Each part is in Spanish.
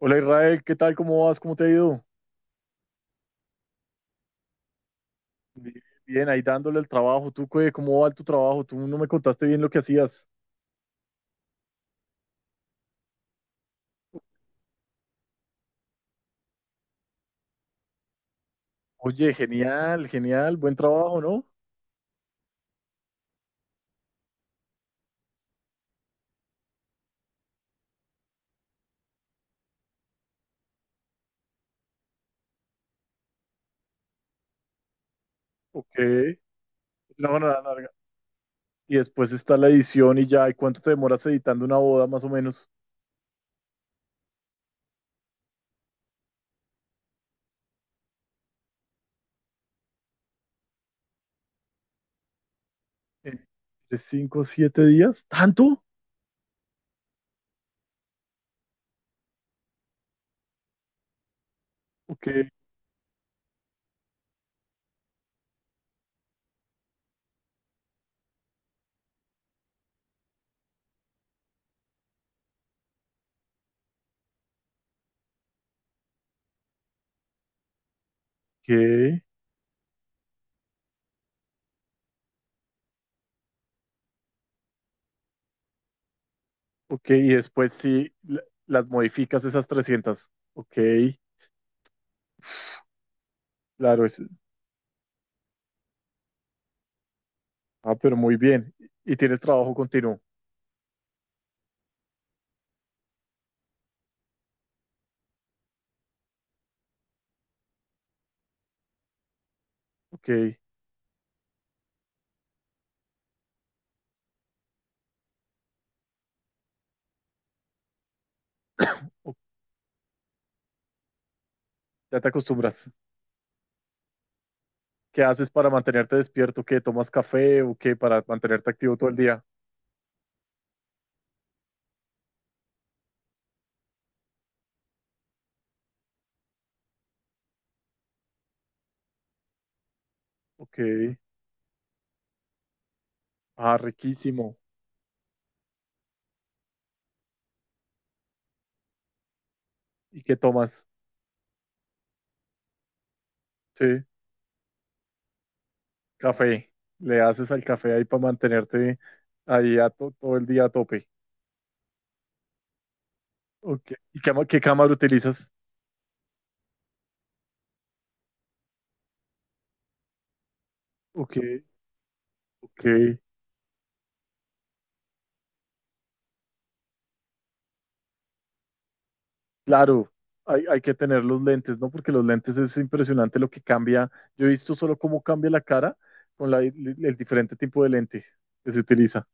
Hola Israel, ¿qué tal? ¿Cómo vas? ¿Cómo te ha ido? Bien, bien, ahí dándole el trabajo. ¿Tú qué? ¿Cómo va tu trabajo? Tú no me contaste bien lo que hacías. Oye, genial, genial, buen trabajo, ¿no? Ok. No, no, no, no, no. Y después está la edición y ya. ¿Y cuánto te demoras editando una boda más o menos? ¿En de 5 o 7 días? ¿Tanto? Ok, ok, ok. Y después sí, las modificas esas 300. Ok, claro. Ah, pero muy bien. Y tienes trabajo continuo. Ok. Ya te acostumbras. ¿Qué haces para mantenerte despierto? ¿Qué tomas café o qué para mantenerte activo todo el día? Ok. Ah, riquísimo. ¿Y qué tomas? Sí, café. Le haces al café ahí para mantenerte ahí a todo el día a tope. Ok. ¿Y qué, qué cámara utilizas? Ok, ok. Claro, hay que tener los lentes, ¿no? Porque los lentes es impresionante lo que cambia. Yo he visto solo cómo cambia la cara con el diferente tipo de lente que se utiliza.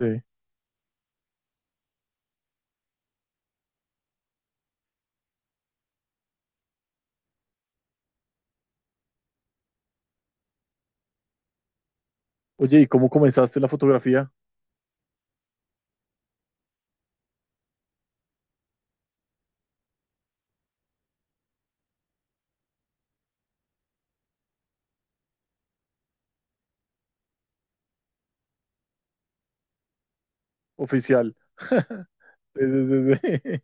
Sí. Oye, ¿y cómo comenzaste la fotografía oficial? Sí, sí, sí, sí.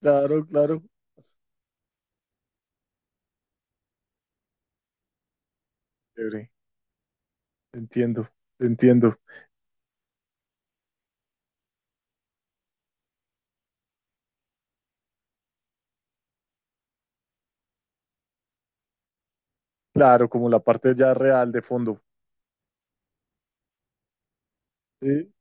Claro, claro. Chévere. Te entiendo, te entiendo. Claro, como la parte ya real de fondo. Sí,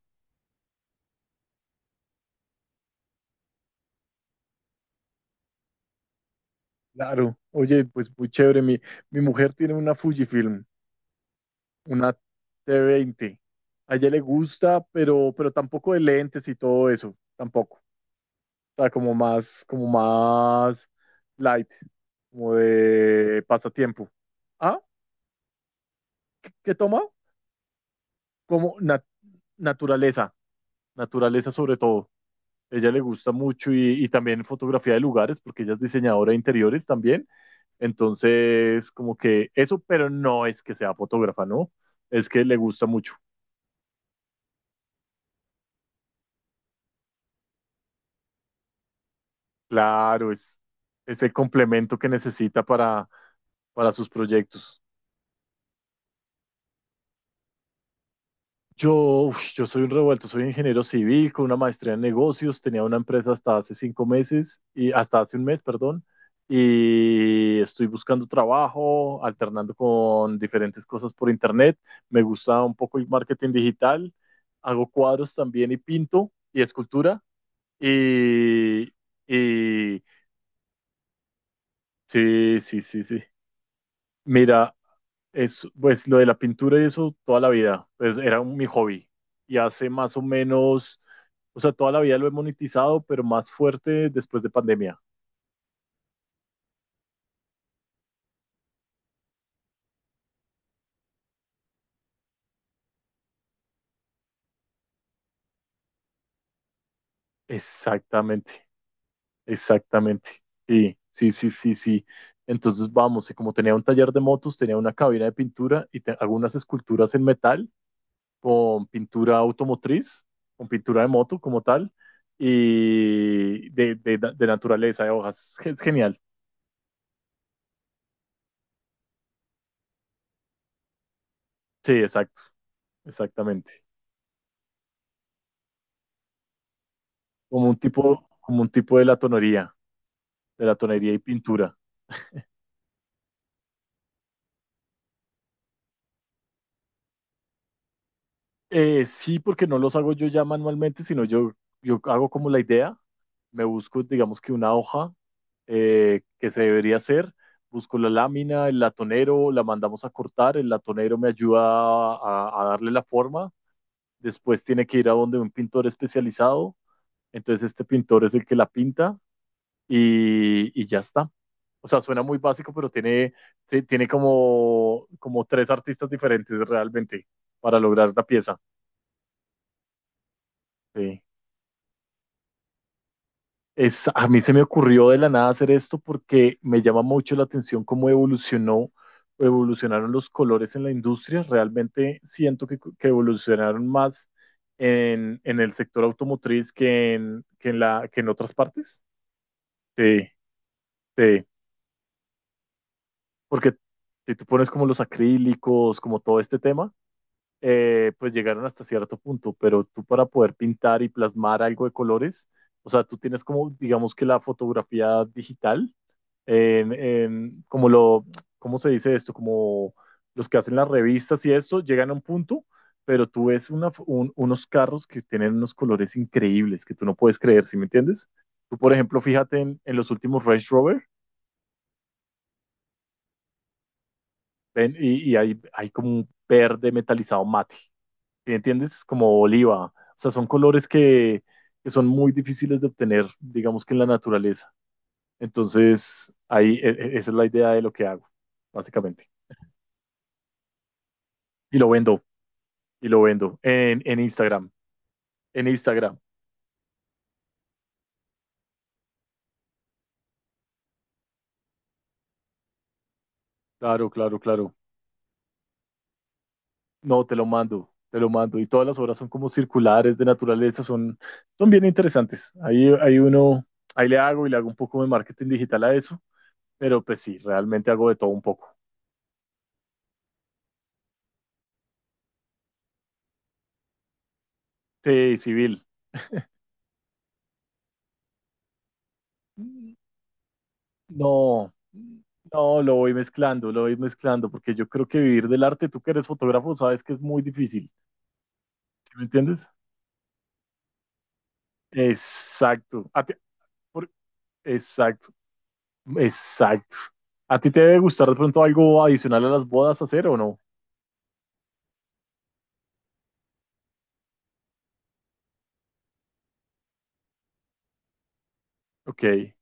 claro. Oye, pues muy chévere. Mi mujer tiene una Fujifilm, una T20. A ella le gusta, pero, tampoco de lentes y todo eso. Tampoco. O sea, como más light, como de pasatiempo. ¿Ah? ¿Qué toma? Como naturaleza, naturaleza sobre todo. Ella le gusta mucho y también fotografía de lugares, porque ella es diseñadora de interiores también. Entonces, como que eso, pero no es que sea fotógrafa, ¿no? Es que le gusta mucho. Claro, es el complemento que necesita para, sus proyectos. Yo, uf, yo soy un revuelto, soy ingeniero civil con una maestría en negocios, tenía una empresa hasta hace 5 meses, y hasta hace un mes, perdón, y estoy buscando trabajo, alternando con diferentes cosas por internet. Me gusta un poco el marketing digital, hago cuadros también y pinto y escultura. Y, y sí, sí, sí, sí. Mira, pues lo de la pintura y eso toda la vida, pues era mi hobby. Y hace más o menos. O sea, toda la vida lo he monetizado, pero más fuerte después de pandemia. Exactamente, exactamente. Sí, sí, sí, sí, sí. Entonces, vamos, y como tenía un taller de motos, tenía una cabina de pintura y algunas esculturas en metal con pintura automotriz, con pintura de moto como tal, y de naturaleza, de hojas. Es genial. Sí, exacto, exactamente. Como un tipo de latonería y pintura. Sí, porque no los hago yo ya manualmente, sino yo hago como la idea, me busco, digamos que una hoja que se debería hacer, busco la lámina, el latonero, la mandamos a cortar, el latonero me ayuda a darle la forma, después tiene que ir a donde un pintor especializado, entonces este pintor es el que la pinta y ya está. O sea, suena muy básico, pero tiene como tres artistas diferentes realmente para lograr la pieza. Sí. A mí se me ocurrió de la nada hacer esto porque me llama mucho la atención cómo evolucionaron los colores en la industria. Realmente siento que evolucionaron más en el sector automotriz que en otras partes. Sí, sí, porque si tú pones como los acrílicos, como todo este tema, pues llegaron hasta cierto punto, pero tú para poder pintar y plasmar algo de colores, o sea, tú tienes como, digamos que la fotografía digital como lo, ¿cómo se dice esto? Como los que hacen las revistas y esto, llegan a un punto, pero tú ves una unos carros que tienen unos colores increíbles que tú no puedes creer, ¿sí me entiendes? Tú, por ejemplo, fíjate en los últimos Range Rover, ven, y hay como un verde metalizado mate, ¿sí me entiendes? Como oliva, o sea, son colores que son muy difíciles de obtener, digamos que en la naturaleza. Entonces, esa es la idea de lo que hago, básicamente. Y lo vendo. Y lo vendo en, Instagram. En Instagram. Claro, claro, claro. No, te lo mando, te lo mando. Y todas las obras son como circulares de naturaleza, son bien interesantes. Ahí le hago y le hago un poco de marketing digital a eso, pero pues sí, realmente hago de todo un poco. Sí, civil. No, no, lo voy mezclando, porque yo creo que vivir del arte, tú que eres fotógrafo, sabes que es muy difícil, ¿sí, me entiendes? Exacto. Por- Exacto. Exacto. ¿A ti te debe gustar de pronto algo adicional a las bodas hacer o no? Ok.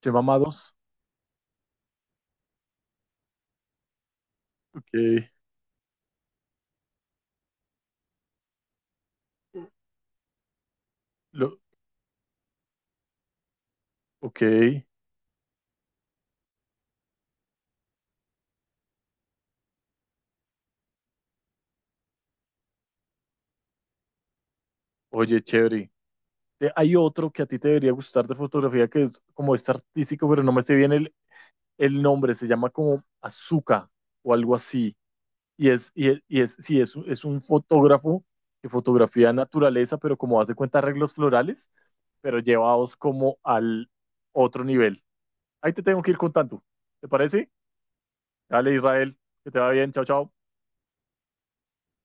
Che mamados. Ok. Lo, ok. Oye, chévere. Hay otro que a ti te debería gustar de fotografía que es como este artístico, pero no me sé bien el nombre. Se llama como Azuka o algo así. Es un fotógrafo que fotografía naturaleza, pero como hace cuenta arreglos florales, pero llevados como al otro nivel. Ahí te tengo que ir contando. ¿Te parece? Dale, Israel, que te va bien. Chao, chao.